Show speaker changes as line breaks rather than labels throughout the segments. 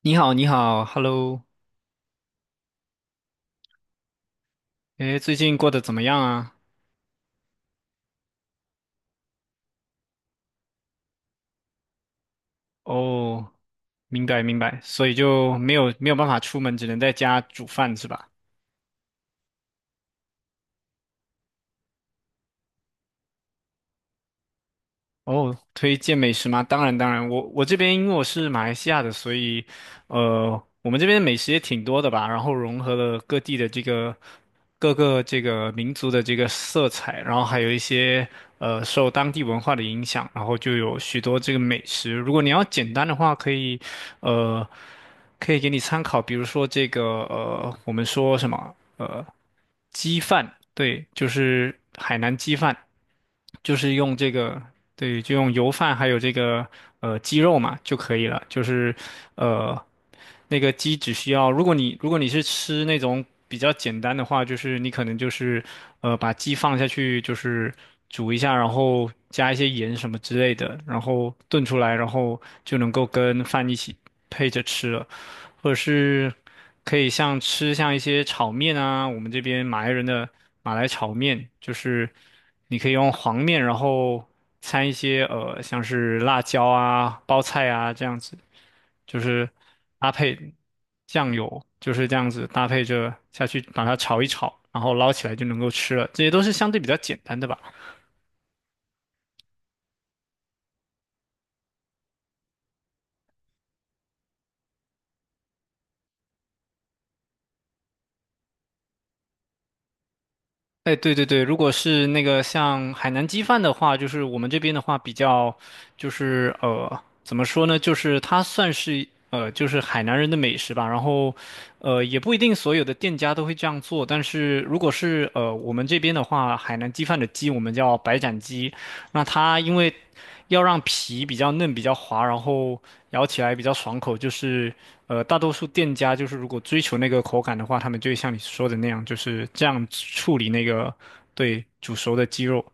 你好，你好，Hello，诶，最近过得怎么样啊？哦，明白明白，所以就没有办法出门，只能在家煮饭是吧？哦，推荐美食吗？当然，当然，我这边因为我是马来西亚的，所以，我们这边美食也挺多的吧，然后融合了各地的这个各个这个民族的这个色彩，然后还有一些受当地文化的影响，然后就有许多这个美食。如果你要简单的话，可以，呃，可以给你参考，比如说这个我们说什么鸡饭，对，就是海南鸡饭。就是用这个，对，就用油饭还有这个鸡肉嘛就可以了。就是呃那个鸡只需要，如果你是吃那种比较简单的话，就是你可能就是把鸡放下去，就是煮一下，然后加一些盐什么之类的，然后炖出来，然后就能够跟饭一起配着吃了。或者是可以像吃像一些炒面啊，我们这边马来人的马来炒面，就是你可以用黄面，然后掺一些像是辣椒啊、包菜啊这样子，就是搭配酱油，就是这样子搭配着下去把它炒一炒，然后捞起来就能够吃了。这些都是相对比较简单的吧。哎，对对对，如果是那个像海南鸡饭的话，就是我们这边的话比较，就是怎么说呢？就是它算是就是海南人的美食吧。然后，也不一定所有的店家都会这样做，但是如果是我们这边的话，海南鸡饭的鸡我们叫白斩鸡，那它因为要让皮比较嫩、比较滑，然后咬起来比较爽口，就是大多数店家就是如果追求那个口感的话，他们就会像你说的那样，就是这样处理那个对煮熟的鸡肉。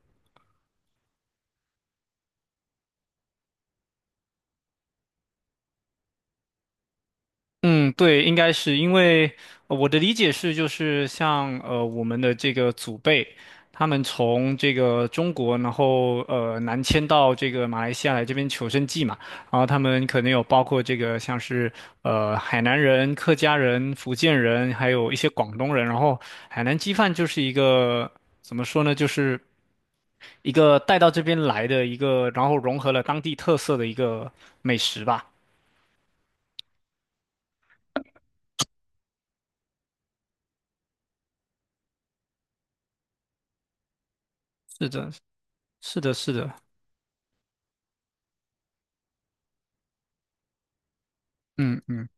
嗯，对，应该是因为我的理解是，就是像我们的这个祖辈，他们从这个中国，然后南迁到这个马来西亚来这边求生计嘛，然后他们可能有包括这个像是海南人、客家人、福建人，还有一些广东人，然后海南鸡饭就是一个怎么说呢，就是一个带到这边来的一个，然后融合了当地特色的一个美食吧。是的，是的，是的，嗯嗯。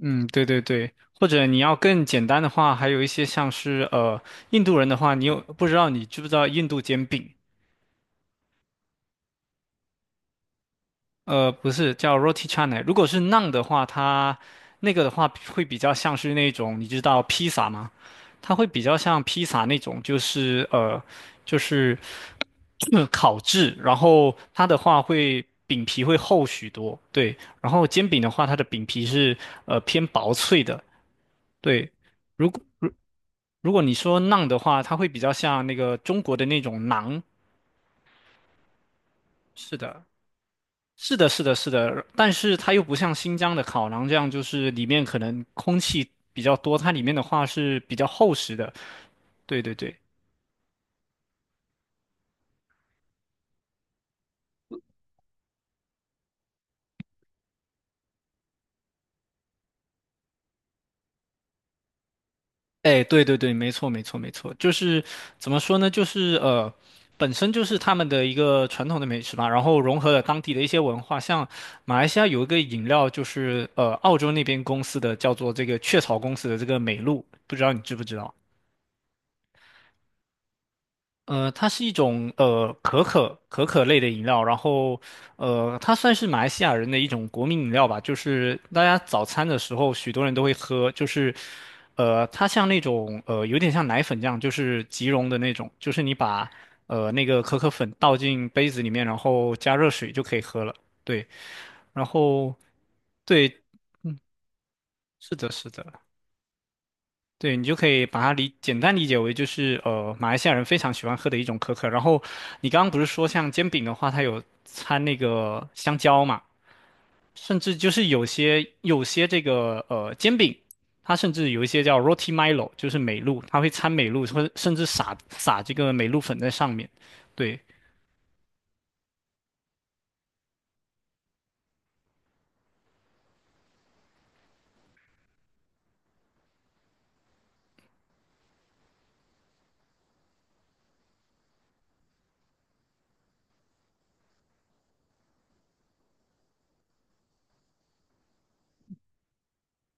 嗯，对对对，或者你要更简单的话，还有一些像是印度人的话，你知不知道印度煎饼？不是叫 roti c h a n a 如果是 naan 的话，它那个的话会比较像是那种你知道披萨吗？它会比较像披萨那种，就是就是烤制，然后它的话会饼皮会厚许多，对，然后煎饼的话，它的饼皮是偏薄脆的，对。如果。如果你说馕的话，它会比较像那个中国的那种馕。是的，是的，是的，是的。但是它又不像新疆的烤馕这样，就是里面可能空气比较多，它里面的话是比较厚实的。对对对，哎，对对对，没错没错没错，就是怎么说呢？就是本身就是他们的一个传统的美食吧，然后融合了当地的一些文化，像马来西亚有一个饮料，就是澳洲那边公司的叫做这个雀巢公司的这个美露，不知道你知不知道？它是一种可可类的饮料，然后它算是马来西亚人的一种国民饮料吧，就是大家早餐的时候许多人都会喝，就是它像那种有点像奶粉这样，就是即溶的那种，就是你把那个可可粉倒进杯子里面，然后加热水就可以喝了，对，然后对，嗯，是的，是的。对，你就可以把它简单理解为就是马来西亚人非常喜欢喝的一种可可。然后你刚刚不是说像煎饼的话，它有掺那个香蕉嘛，甚至就是有些这个煎饼，它甚至有一些叫 Roti Milo，就是美露，它会掺美露，或者甚至撒这个美露粉在上面。对，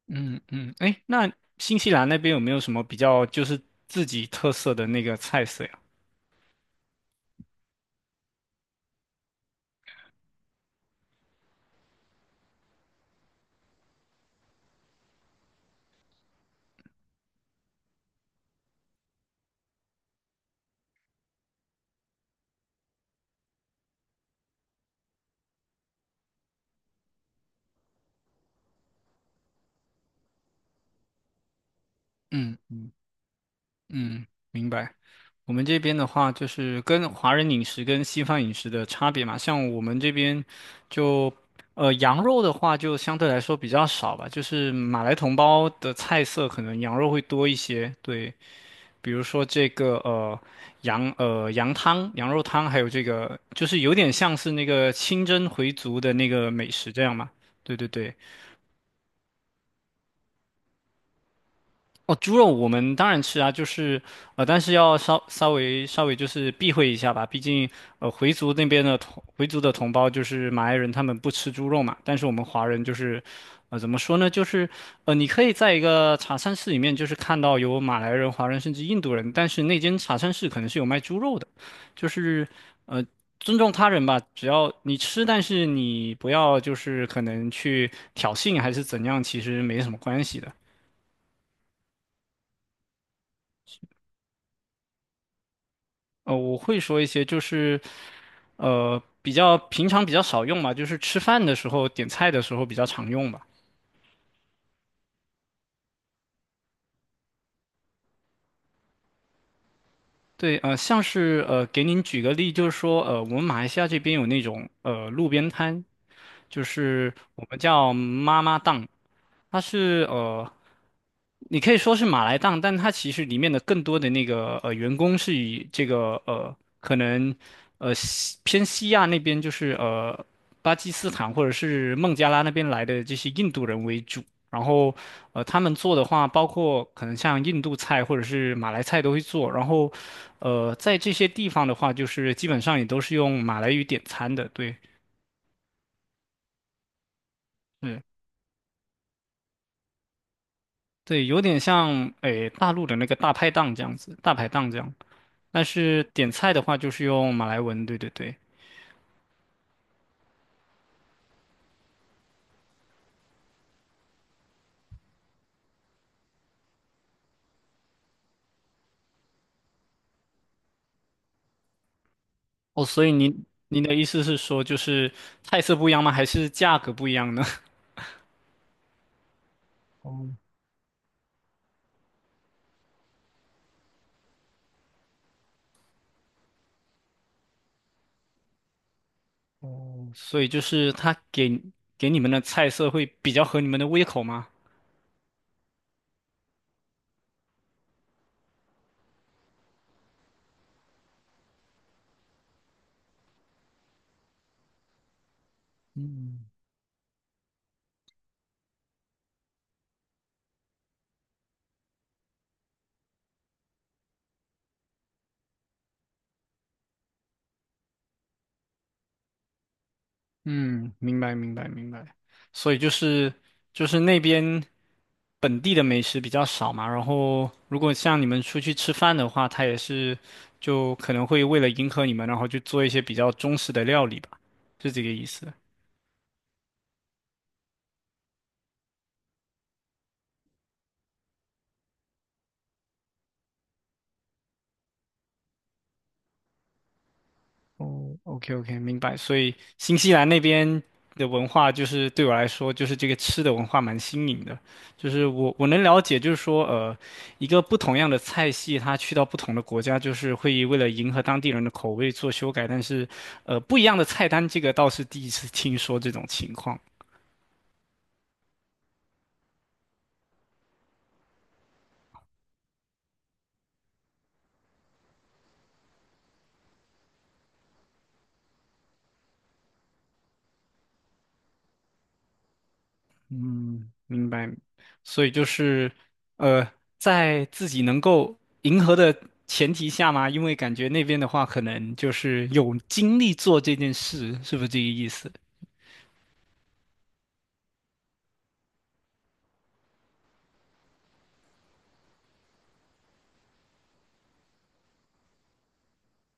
嗯嗯，哎，那新西兰那边有没有什么比较就是自己特色的那个菜色呀？嗯。嗯，明白。我们这边的话，就是跟华人饮食跟西方饮食的差别嘛。像我们这边就，羊肉的话就相对来说比较少吧。就是马来同胞的菜色，可能羊肉会多一些。对，比如说这个羊汤、羊肉汤，还有这个就是有点像是那个清真回族的那个美食这样嘛。对对对。哦，猪肉我们当然吃啊，就是但是要稍微就是避讳一下吧，毕竟回族的同胞就是马来人，他们不吃猪肉嘛，但是我们华人就是，怎么说呢，就是你可以在一个茶餐室里面就是看到有马来人、华人甚至印度人，但是那间茶餐室可能是有卖猪肉的，就是呃。尊重他人吧，只要你吃，但是你不要就是可能去挑衅还是怎样，其实没什么关系的。我会说一些，就是比较平常比较少用吧，就是吃饭的时候点菜的时候比较常用吧。对，像是给您举个例，就是说，我们马来西亚这边有那种路边摊，就是我们叫妈妈档，它是你可以说是马来档，但它其实里面的更多的那个员工是以这个可能。呃。偏西亚那边就是巴基斯坦或者是孟加拉那边来的这些印度人为主，然后他们做的话，包括可能像印度菜或者是马来菜都会做，然后在这些地方的话，就是基本上也都是用马来语点餐的，对，嗯，对，有点像诶大陆的那个大排档这样子，大排档这样，但是点菜的话就是用马来文，对对对，哦，所以您的意思是说就是菜色不一样吗？还是价格不一样呢？所以就是给你们的菜色会比较合你们的胃口吗？嗯，明白明白明白。所以就是就是那边本地的美食比较少嘛，然后如果像你们出去吃饭的话，他也是就可能会为了迎合你们，然后去做一些比较中式的料理吧，是这个意思。哦，OK OK，明白。所以新西兰那边的文化，就是对我来说，就是这个吃的文化蛮新颖的。就是我能了解，就是说，一个不同样的菜系，它去到不同的国家，就是会为了迎合当地人的口味做修改。但是，不一样的菜单，这个倒是第一次听说这种情况。嗯，明白。所以就是，呃，在自己能够迎合的前提下嘛，因为感觉那边的话，可能就是有精力做这件事，是不是这个意思？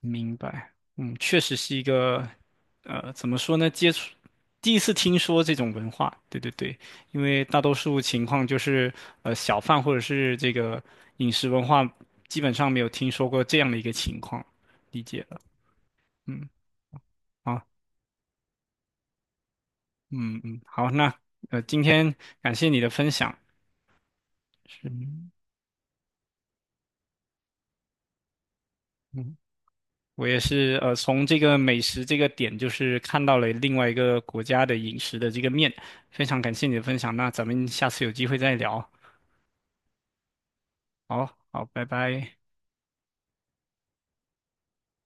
明白。嗯，确实是一个，怎么说呢？第一次听说这种文化，对对对，因为大多数情况就是，小贩或者是这个饮食文化，基本上没有听说过这样的一个情况，理解了。嗯。好。嗯嗯，好，那今天感谢你的分享，是，嗯，我也是从这个美食这个点，就是看到了另外一个国家的饮食的这个面，非常感谢你的分享，那咱们下次有机会再聊，好好，拜拜。